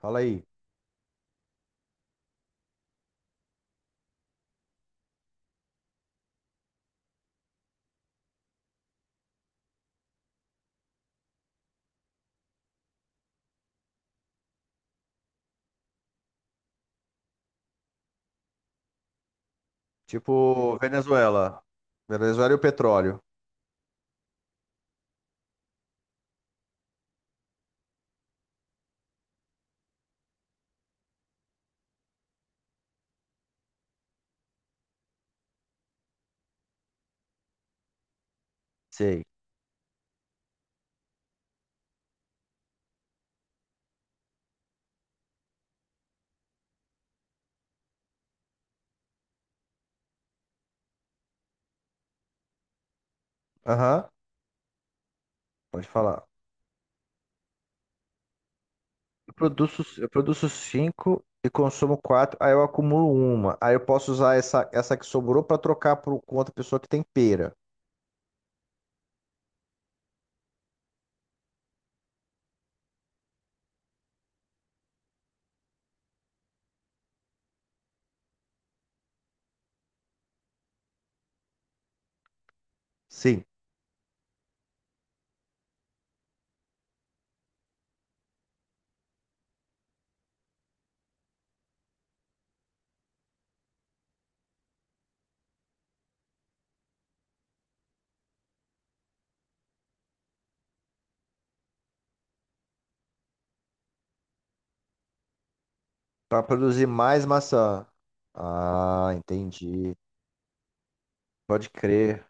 Fala aí. Tipo, Venezuela. Venezuela e o petróleo. Sei. Aham, pode falar. Eu produzo cinco e consumo quatro, aí eu acumulo uma. Aí eu posso usar essa que sobrou para trocar por, com outra pessoa que tem pera. Sim. Para produzir mais maçã. Ah, entendi. Pode crer.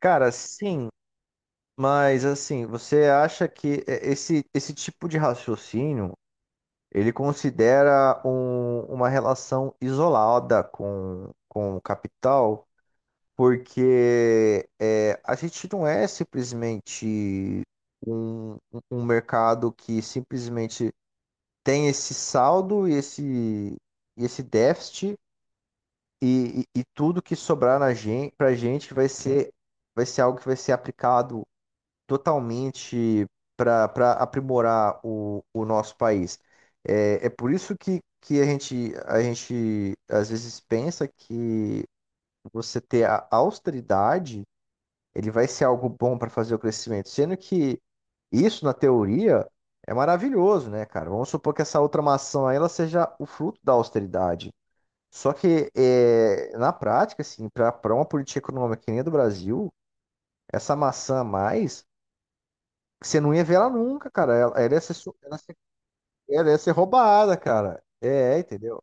Cara, sim, mas assim, você acha que esse tipo de raciocínio. Ele considera uma relação isolada com o capital, porque a gente não é simplesmente um, um mercado que simplesmente tem esse saldo e esse déficit, e tudo que sobrar na gente, para a gente vai ser algo que vai ser aplicado totalmente para aprimorar o nosso país. É por isso que a gente às vezes pensa que você ter a austeridade, ele vai ser algo bom para fazer o crescimento, sendo que isso na teoria é maravilhoso, né, cara? Vamos supor que essa outra maçã aí, ela seja o fruto da austeridade. Só que na prática, assim, para uma política econômica que nem a do Brasil, essa maçã a mais que você não ia ver ela nunca, cara. Ela ela ia ser roubada, cara. É, entendeu?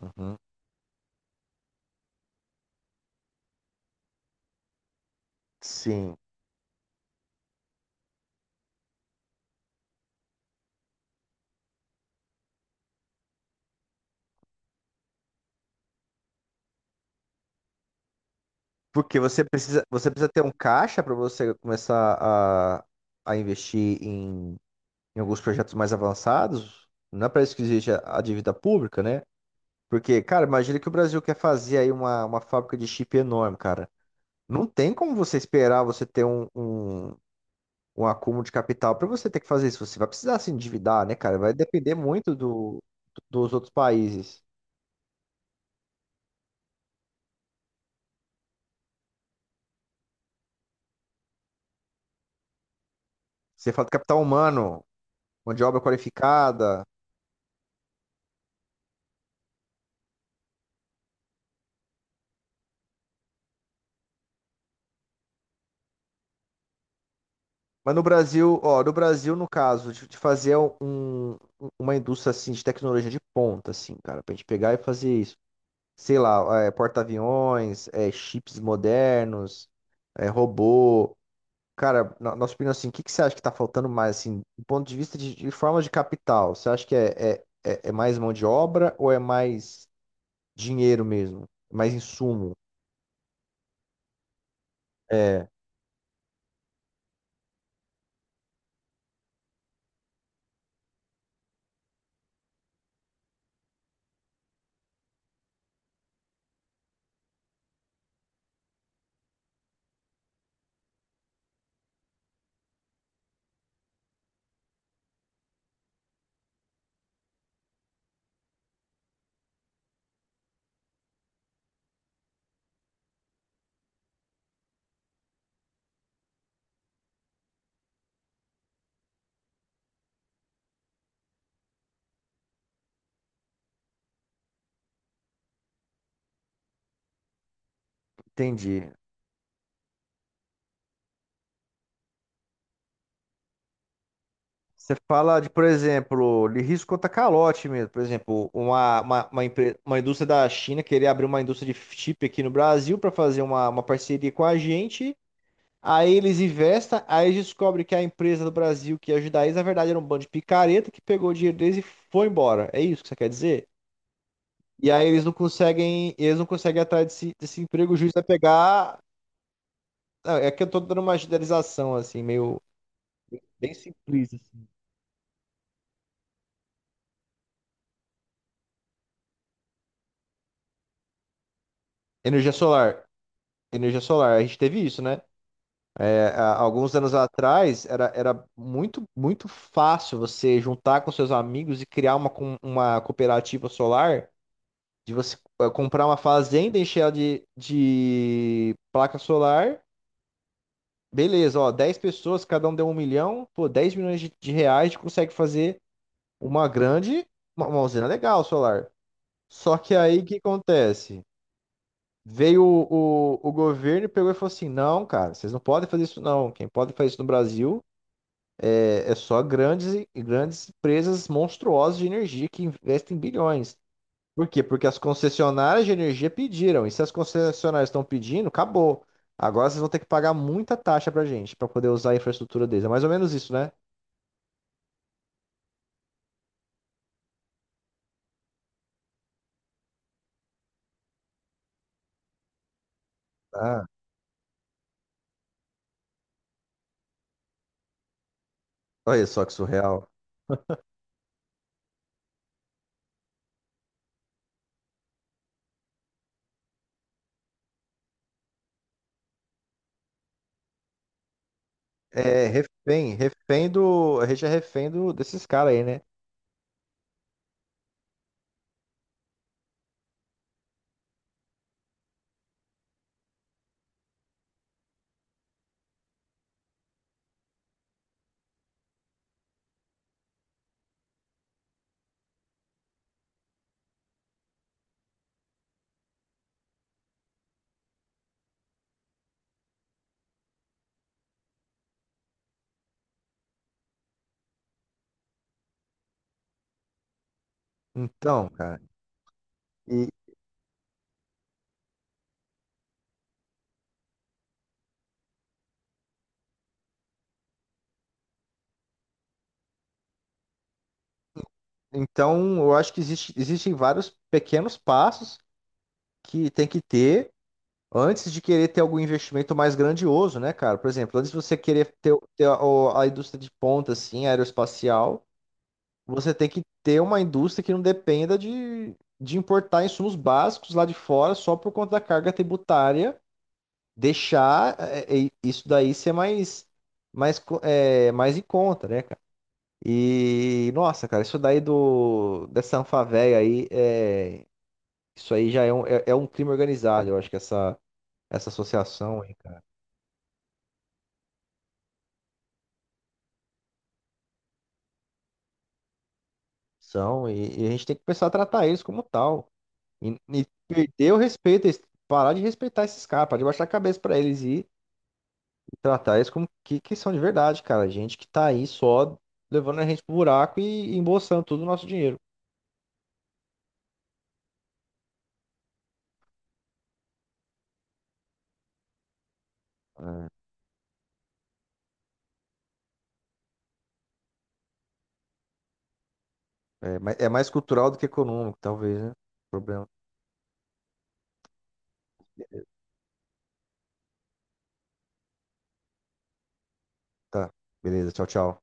Uhum. Sim. Porque você precisa ter um caixa para você começar a investir em alguns projetos mais avançados. Não é para isso que existe a dívida pública, né? Porque, cara, imagina que o Brasil quer fazer aí uma fábrica de chip enorme, cara. Não tem como você esperar você ter um acúmulo de capital para você ter que fazer isso. Você vai precisar se endividar, né, cara? Vai depender muito dos outros países. Você fala de capital humano, mão de obra qualificada. Mas no Brasil, ó, no Brasil, no caso, de fazer uma indústria assim de tecnologia de ponta, assim, cara, pra gente pegar e fazer isso. Sei lá, porta-aviões, chips modernos, robô. Cara, na nossa opinião, assim, o que que você acha que tá faltando mais, assim, do ponto de vista de forma de capital? Você acha que é mais mão de obra ou é mais dinheiro mesmo? Mais insumo? É, entendi. Você fala de, por exemplo, de risco contra calote mesmo. Por exemplo, uma indústria da China querer abrir uma indústria de chip aqui no Brasil para fazer uma parceria com a gente. Aí eles investem, aí descobre que a empresa do Brasil que ia ajudar eles, na verdade, era um bando de picareta que pegou o dinheiro deles e foi embora. É isso que você quer dizer? E aí eles não conseguem ir atrás desse emprego justo a pegar. Ah, é que eu tô dando uma generalização, assim, meio bem simples, assim. Energia solar. Energia solar, a gente teve isso, né? É, há alguns anos atrás, era muito, muito fácil você juntar com seus amigos e criar uma cooperativa solar de você comprar uma fazenda, encher ela de placa solar. Beleza, ó, 10 pessoas, cada um deu 1 milhão, pô, 10 milhões de reais, a gente consegue fazer uma grande, uma usina legal solar. Só que aí o que acontece? Veio o governo e pegou e falou assim: não, cara, vocês não podem fazer isso, não. Quem pode fazer isso no Brasil é só grandes empresas monstruosas de energia que investem bilhões. Por quê? Porque as concessionárias de energia pediram. E se as concessionárias estão pedindo, acabou. Agora vocês vão ter que pagar muita taxa pra gente pra poder usar a infraestrutura deles. É mais ou menos isso, né? Ah, olha só que surreal. É refém, refém do. A gente é refém desses caras aí, né? Então, cara. E, então, eu acho que existem vários pequenos passos que tem que ter antes de querer ter algum investimento mais grandioso, né, cara? Por exemplo, antes de você querer ter a indústria de ponta, assim, aeroespacial. Você tem que ter uma indústria que não dependa de importar insumos básicos lá de fora só por conta da carga tributária, deixar isso daí ser mais em conta, né, cara? E, nossa, cara, isso daí dessa Anfavea aí, isso aí já é um crime organizado, eu acho que essa associação aí, cara, são, e a gente tem que começar a tratar eles como tal. E perder o respeito, parar de respeitar esses caras, parar de baixar a cabeça pra eles e tratar eles como que são de verdade, cara. Gente que tá aí só levando a gente pro buraco e embolsando todo o nosso dinheiro. É mais cultural do que econômico, talvez, né? Problema. Tá, beleza, tchau, tchau.